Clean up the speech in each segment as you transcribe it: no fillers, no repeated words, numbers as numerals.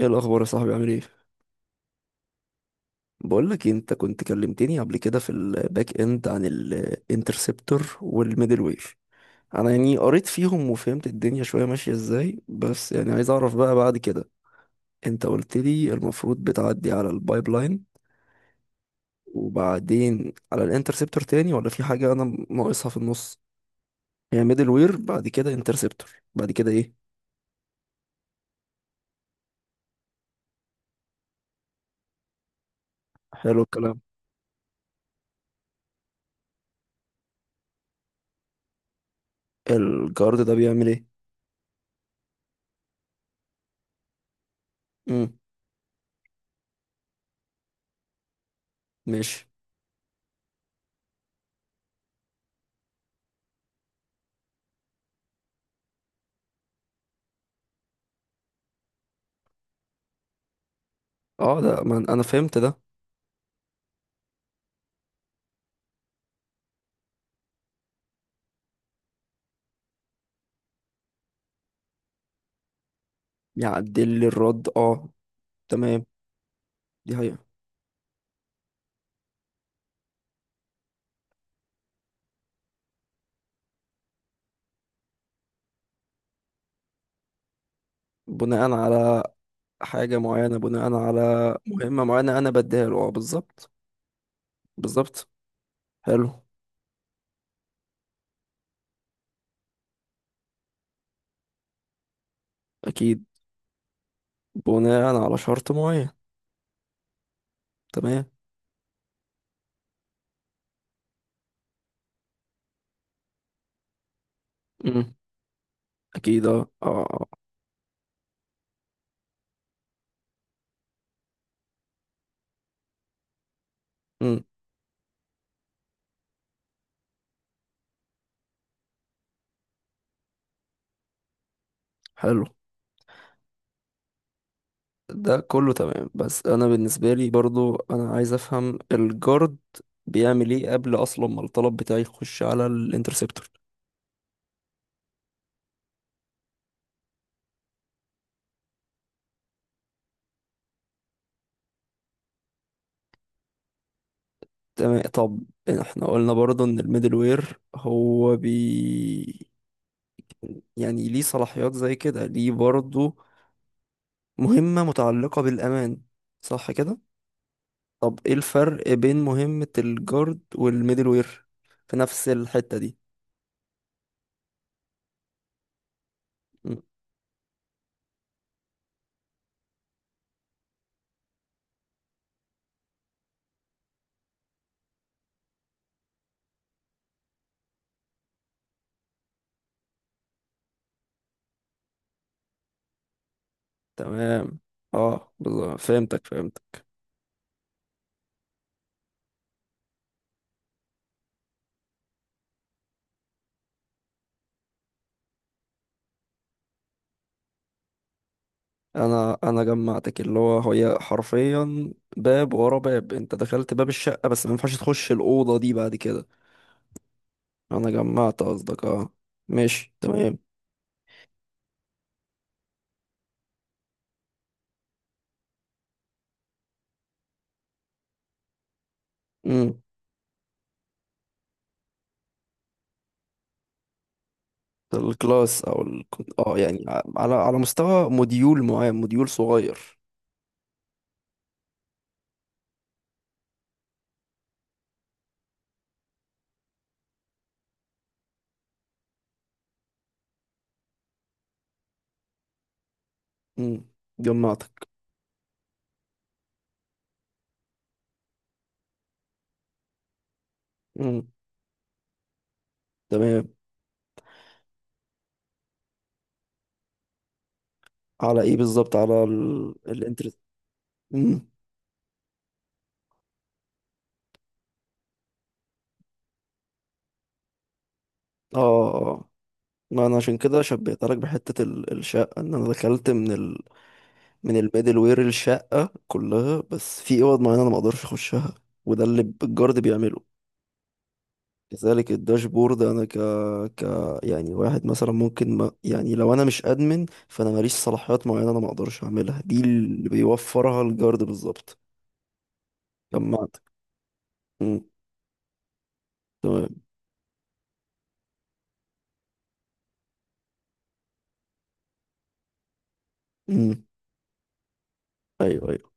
ايه الاخبار يا صاحبي، عامل ايه؟ بقول لك، انت كنت كلمتني قبل كده في الباك اند عن الانترسبتور والميدل وير. انا يعني قريت فيهم وفهمت الدنيا شويه ماشيه ازاي، بس يعني عايز اعرف بقى بعد كده. انت قلت لي المفروض بتعدي على البايبلاين وبعدين على الانترسبتور تاني، ولا في حاجه انا ناقصها في النص؟ هي ميدل وير بعد كده انترسبتور، بعد كده ايه؟ حلو الكلام. الجارد ده بيعمل ايه؟ امم. ماشي. اه، ده ما انا فهمت ده. يعدل لي الرد، اه، تمام. دي حقيقة. بناء على حاجة معينة، بناء على مهمة معينة أنا بديها له، آه، بالظبط. بالظبط، حلو. أكيد. بناء على شرط معين. تمام. مم. أكيد أه أه آه. آه. مم. حلو، ده كله تمام، بس أنا بالنسبة لي برضو أنا عايز أفهم الجارد بيعمل إيه قبل أصلا ما الطلب بتاعي يخش على الانترسبتور. تمام، طب احنا قلنا برضو ان الميدل وير هو بي، يعني ليه صلاحيات زي كده، ليه برضو مهمة متعلقة بالأمان، صح كده؟ طب ايه الفرق بين مهمة الجارد والميدل وير في نفس الحتة دي؟ مم، تمام، اه بالظبط، فهمتك فهمتك. انا جمعتك، اللي هو هي حرفيا باب ورا باب، انت دخلت باب الشقة بس ما ينفعش تخش الأوضة دي بعد كده. انا جمعت قصدك، اه، ماشي، تمام. مم. الكلاس او اه يعني على مستوى موديول معين، موديول صغير. امم. جمعتك. امم. تمام. على ايه بالظبط، على الانترست. امم، اه اه آه. ما انا عشان كده شبهت لك بحته الشقه، ان انا دخلت من من الميدل وير الشقه كلها، بس في اوض معينه انا ما اقدرش اخشها. وده اللي الجارد بيعمله. كذلك الداشبورد انا ك ك يعني واحد مثلا ممكن، ما يعني لو انا مش ادمن فانا ماليش صلاحيات معينه، انا ما اقدرش اعملها، دي اللي بيوفرها الجارد بالظبط. جمعت. مم، تمام. مم، ايوه ايوه.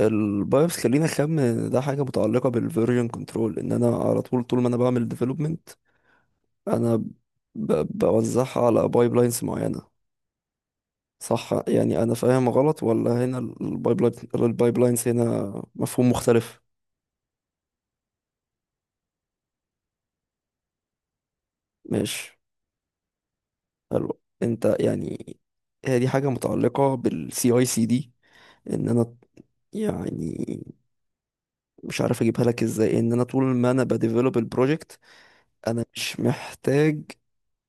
البايوس، خلينا اخمن ان ده حاجه متعلقه بالفيرجن كنترول، ان انا على طول، طول ما انا بعمل ديفلوبمنت. انا بوزعها على بايب لاينز معينه. صح يعني؟ انا فاهم غلط ولا هنا؟ البايب لاينز هنا مفهوم مختلف. ماشي، حلو، انت يعني، هي دي حاجة متعلقة بالسي اي سي دي، ان انا يعني مش عارف اجيبها لك ازاي، ان انا طول ما انا بديفلوب البروجكت، انا مش محتاج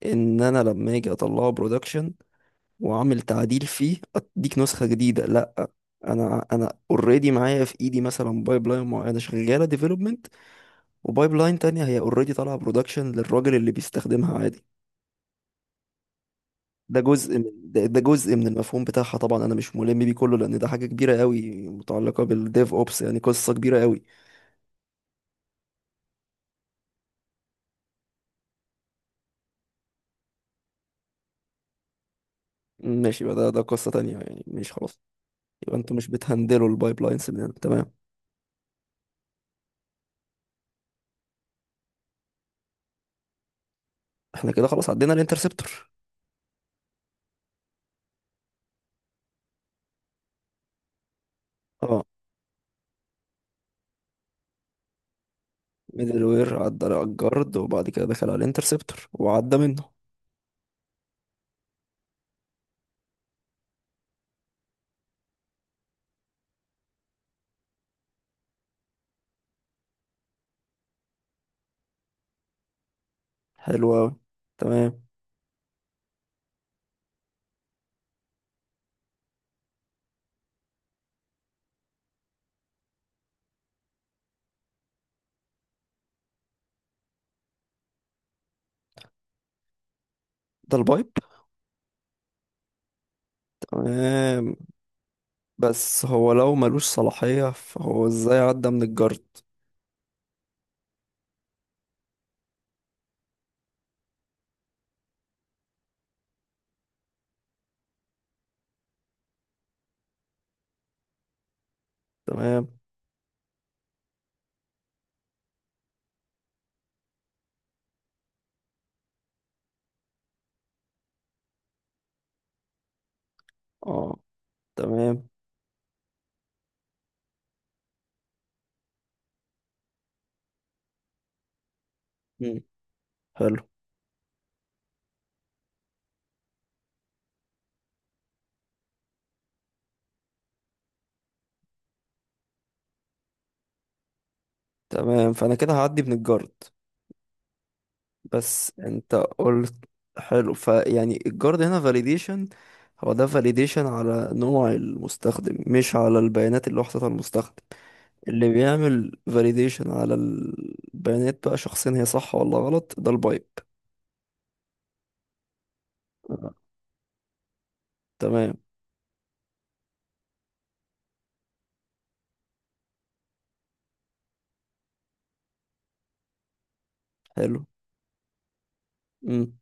ان انا لما اجي اطلعه برودكشن واعمل تعديل فيه اديك نسخة جديدة، لا. انا اوريدي معايا في ايدي مثلا بايب لاين معينة شغالة ديفلوبمنت، وبايب لاين تانية هي اوريدي طالعة برودكشن للراجل اللي بيستخدمها عادي. ده جزء من ده جزء من المفهوم بتاعها، طبعا انا مش ملم بيه كله لان ده حاجه كبيره قوي، متعلقه بالديف اوبس يعني قصه كبيره قوي. ماشي، يبقى ده قصه تانية يعني، مش خلاص. يبقى انتوا مش بتهندلوا البايب لاينز. تمام، احنا كده خلاص عدينا الانترسبتور. اه، ميدل وير عدى على الجارد، وبعد كده دخل على الانترسبتور وعدى منه. حلو قوي. تمام. ده البايب. تمام، بس هو لو ملوش صلاحيه فهو ازاي عدى من الجارد؟ تمام، اه، تمام. مم. حلو. تمام، فانا كده هعدي من الجارد. بس انت قلت، حلو، فيعني الجارد هنا فاليديشن؟ هو ده فاليديشن على نوع المستخدم، مش على البيانات اللي وحدتها المستخدم. اللي بيعمل فاليديشن على البيانات بقى شخصيا، هي صح ولا غلط، ده البايب. آه. تمام. حلو. امم،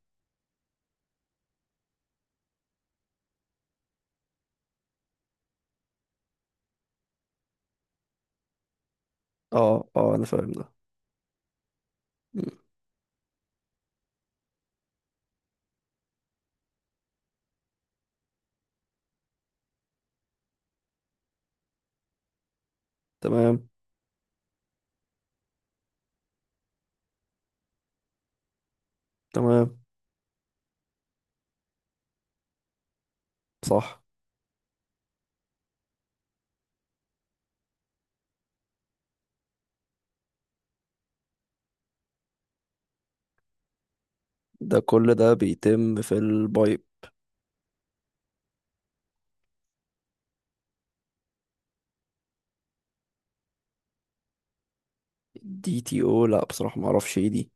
اه اه، انا فاهم ده. مم. تمام تمام، صح؟ ده كل ده بيتم في البايب؟ دي تي او؟ لا بصراحة، ما اعرفش ايه دي.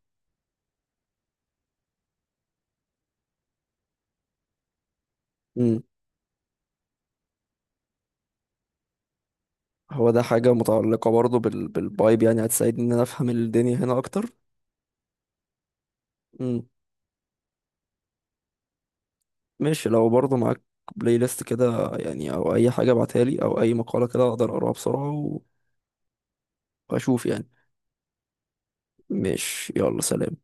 هو ده حاجة متعلقة برضه بالفايب، يعني هتساعدني إن أنا أفهم الدنيا هنا أكتر؟ مم. ماشي، لو برضه معاك بلاي ليست كده يعني، أو أي حاجة ابعتها لي أو أي مقالة كده أقدر أقراها بسرعة وأشوف يعني. ماشي، يلا، سلام.